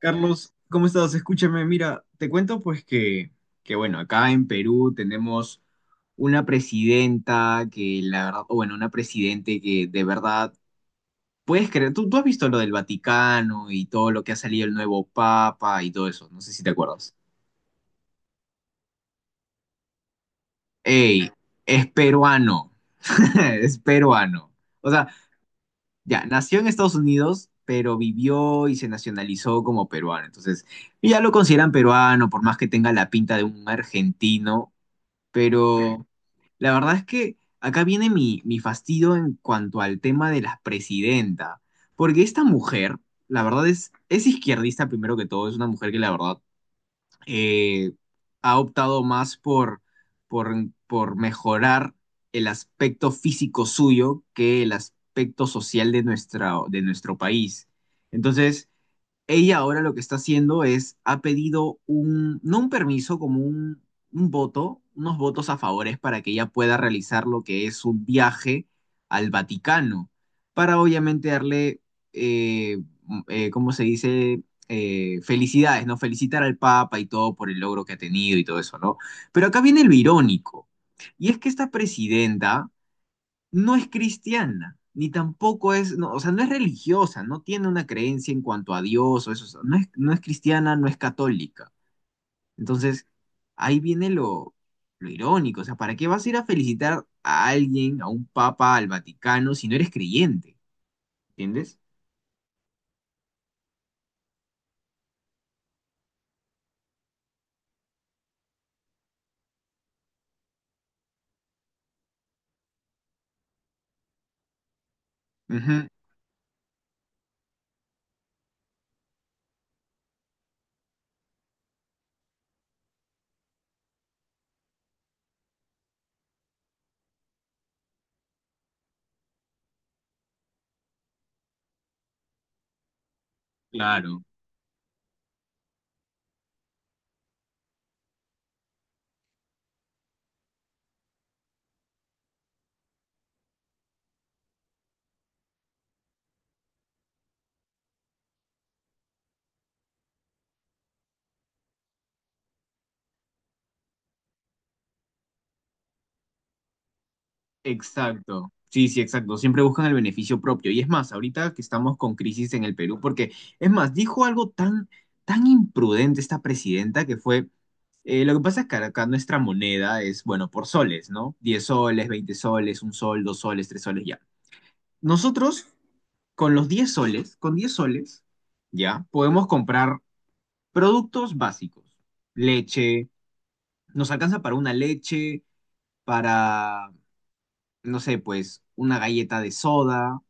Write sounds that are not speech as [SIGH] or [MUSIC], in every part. Carlos, ¿cómo estás? Escúchame, mira, te cuento pues que bueno, acá en Perú tenemos una presidenta que la verdad, o bueno, una presidente que de verdad, puedes creer, tú has visto lo del Vaticano y todo lo que ha salido el nuevo Papa y todo eso, no sé si te acuerdas. Ey, es peruano, [LAUGHS] es peruano. O sea, ya, nació en Estados Unidos, pero vivió y se nacionalizó como peruano. Entonces, ya lo consideran peruano, por más que tenga la pinta de un argentino. Pero la verdad es que acá viene mi fastidio en cuanto al tema de la presidenta. Porque esta mujer, la verdad es izquierdista primero que todo, es una mujer que la verdad eh, ha optado más por, por mejorar el aspecto físico suyo que el aspecto social de, nuestra, de nuestro país. Entonces, ella ahora lo que está haciendo es, ha pedido un, no un permiso, como un voto, unos votos a favores para que ella pueda realizar lo que es un viaje al Vaticano, para obviamente darle, eh, ¿cómo se dice? Felicidades, ¿no? Felicitar al Papa y todo por el logro que ha tenido y todo eso, ¿no? Pero acá viene lo irónico, y es que esta presidenta no es cristiana, ni tampoco es, no, o sea, no es religiosa, no tiene una creencia en cuanto a Dios o eso, o sea, no es cristiana, no es católica. Entonces, ahí viene lo irónico, o sea, ¿para qué vas a ir a felicitar a alguien, a un papa, al Vaticano, si no eres creyente? ¿Entiendes? Ujú. Claro. Exacto. Sí, sí, exacto. Siempre buscan el beneficio propio. Y es más, ahorita que estamos con crisis en el Perú, porque es más, dijo algo tan imprudente esta presidenta que fue, lo que pasa es que acá nuestra moneda es, bueno, por soles, ¿no? 10 soles, 20 soles, 1 sol, 2 soles, 3 soles, ya. Nosotros, con los 10 soles, con 10 soles, ya, podemos comprar productos básicos. Leche, nos alcanza para una leche, para no sé, pues una galleta de soda,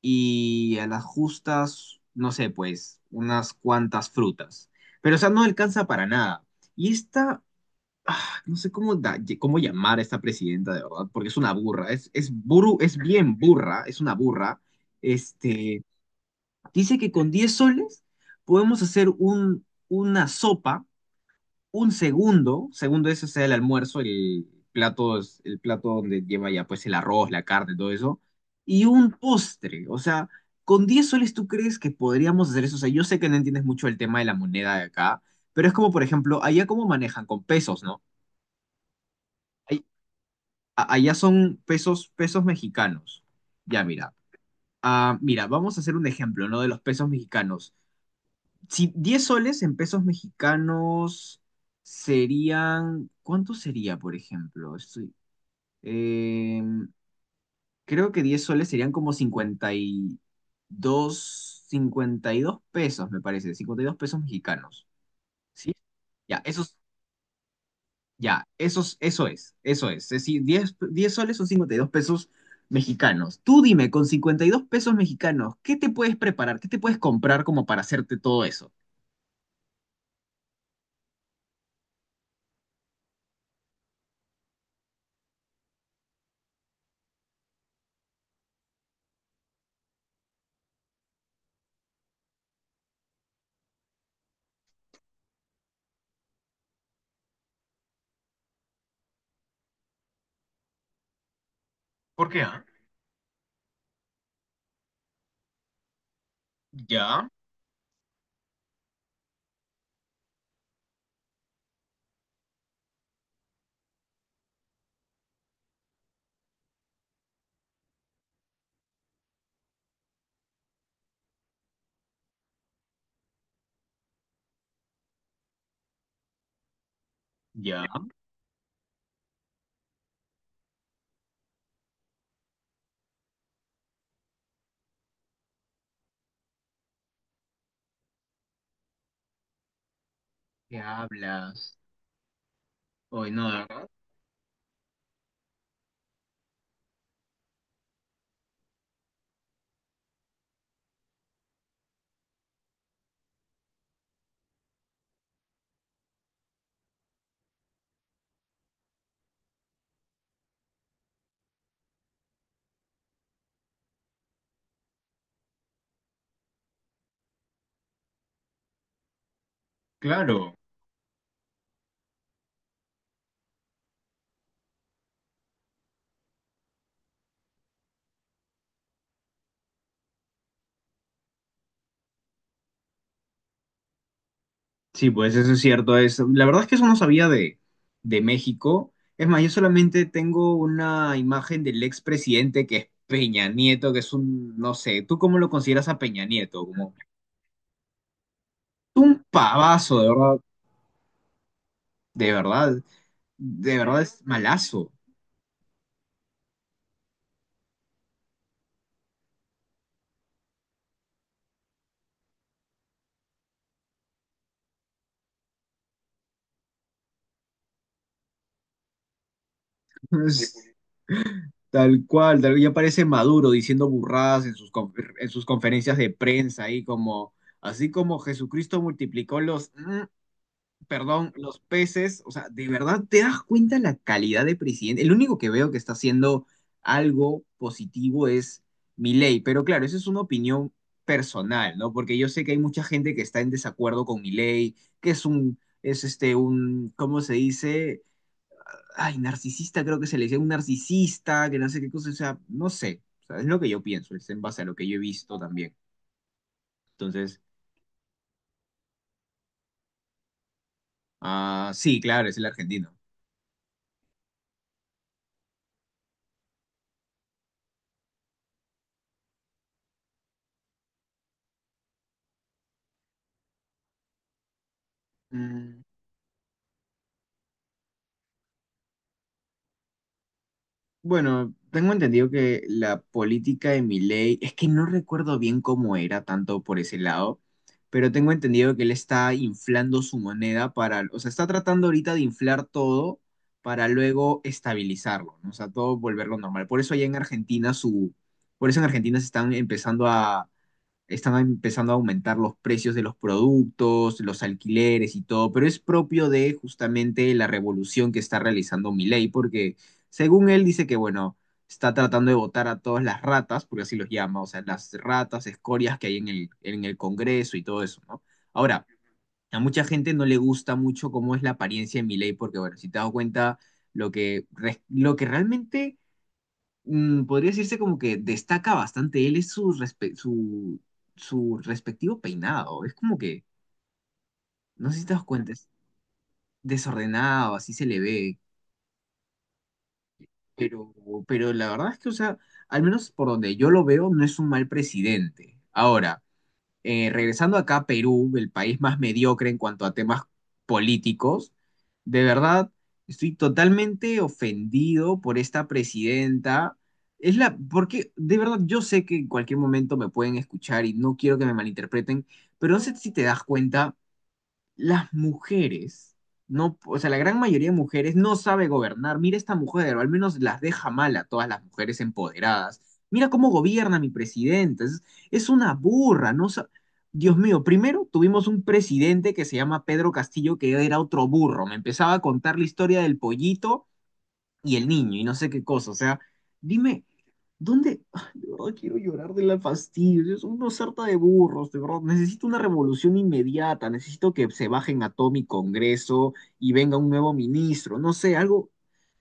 y a las justas, no sé, pues unas cuantas frutas. Pero, o sea, no alcanza para nada. Y esta, ah, no sé cómo, cómo llamar a esta presidenta, de verdad, porque es una burra, es bien burra, es una burra. Este, dice que con 10 soles podemos hacer un, una sopa un segundo, segundo ese sea el almuerzo, el plato, el plato donde lleva ya pues el arroz, la carne, todo eso, y un postre. O sea, con 10 soles tú crees que podríamos hacer eso. O sea, yo sé que no entiendes mucho el tema de la moneda de acá, pero es como, por ejemplo, allá cómo manejan con pesos, ¿no? Ay- Allá son pesos, pesos mexicanos. Ya, mira. Ah, mira, vamos a hacer un ejemplo, ¿no? De los pesos mexicanos. Si 10 soles en pesos mexicanos serían, ¿cuánto sería, por ejemplo? Em, creo que 10 soles serían como 52 pesos, me parece, 52 pesos mexicanos. ¿Sí? Ya, esos, eso es. Es decir, diez soles son 52 pesos mexicanos. Tú dime, con 52 pesos mexicanos, ¿qué te puedes preparar? ¿Qué te puedes comprar como para hacerte todo eso? ¿Por qué? ¿Ah? Ya, ya. ¿Qué hablas? Hoy no, ¿de verdad? Claro. Sí, pues eso es cierto. Es, la verdad es que eso no sabía de México. Es más, yo solamente tengo una imagen del expresidente que es Peña Nieto, que es un, no sé, ¿tú cómo lo consideras a Peña Nieto? Como un pavazo, de verdad, de verdad es malazo. [LAUGHS] Es tal cual, tal, ya parece Maduro diciendo burradas en sus, en sus conferencias de prensa ahí como. Así como Jesucristo multiplicó los perdón, los peces, o sea, de verdad te das cuenta la calidad de presidente. El único que veo que está haciendo algo positivo es Milei, pero claro, eso es una opinión personal, ¿no? Porque yo sé que hay mucha gente que está en desacuerdo con Milei, que es un, es este, un, ¿cómo se dice? Ay, narcisista, creo que se le dice un narcisista, que no sé qué cosa, o sea, no sé, o sea, es lo que yo pienso, es en base a lo que yo he visto también. Entonces, ah, sí, claro, es el argentino. Mm. Bueno, tengo entendido que la política de Milei, es que no recuerdo bien cómo era tanto por ese lado, pero tengo entendido que él está inflando su moneda para, o sea, está tratando ahorita de inflar todo para luego estabilizarlo, ¿no? O sea, todo volverlo normal. Por eso allá en Argentina su, por eso en Argentina se están empezando a aumentar los precios de los productos, los alquileres y todo, pero es propio de justamente la revolución que está realizando Milei, porque según él dice que, bueno, está tratando de votar a todas las ratas, porque así los llama, o sea, las ratas, escorias que hay en el Congreso y todo eso, ¿no? Ahora, a mucha gente no le gusta mucho cómo es la apariencia de Milei, porque, bueno, si te das cuenta, lo que, lo que realmente podría decirse como que destaca bastante él es su, su, su respectivo peinado. Es como que, no sé si te das cuenta, es desordenado, así se le ve. Pero, pero la verdad es que, o sea, al menos por donde yo lo veo, no es un mal presidente. Ahora, regresando acá a Perú, el país más mediocre en cuanto a temas políticos, de verdad estoy totalmente ofendido por esta presidenta. Es la, porque de verdad yo sé que en cualquier momento me pueden escuchar y no quiero que me malinterpreten, pero no sé si te das cuenta las mujeres, no, o sea, la gran mayoría de mujeres no sabe gobernar. Mira esta mujer, o al menos las deja mal a todas las mujeres empoderadas. Mira cómo gobierna mi presidenta. Es una burra, no sa- Dios mío, primero tuvimos un presidente que se llama Pedro Castillo, que era otro burro. Me empezaba a contar la historia del pollito y el niño y no sé qué cosa. O sea, dime, ¿dónde? Ay, de verdad quiero llorar de la fastidio. Es una sarta de burros, de verdad. Necesito una revolución inmediata. Necesito que se bajen a todo mi Congreso y venga un nuevo ministro. No sé, algo.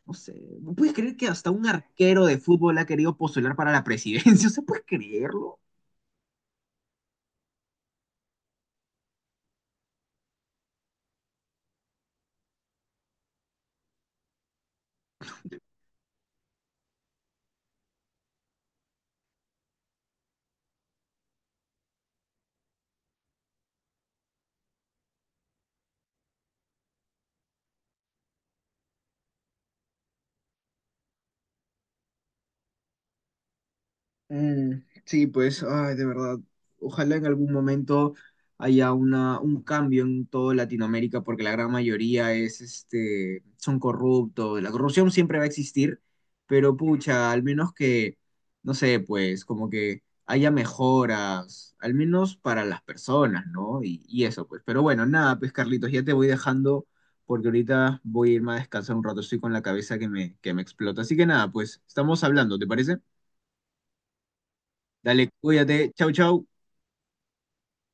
No sé. ¿Puedes creer que hasta un arquero de fútbol ha querido postular para la presidencia? [LAUGHS] ¿O sea, puedes creerlo? Mm, sí, pues, ay, de verdad, ojalá en algún momento haya una, un cambio en toda Latinoamérica, porque la gran mayoría es, este, son corruptos. La corrupción siempre va a existir, pero pucha, al menos que, no sé, pues, como que haya mejoras, al menos para las personas, ¿no? Y eso, pues. Pero bueno, nada, pues, Carlitos, ya te voy dejando, porque ahorita voy a irme a descansar un rato, estoy con la cabeza que me explota. Así que nada, pues, estamos hablando, ¿te parece? Dale, cuídate. Chau, chau.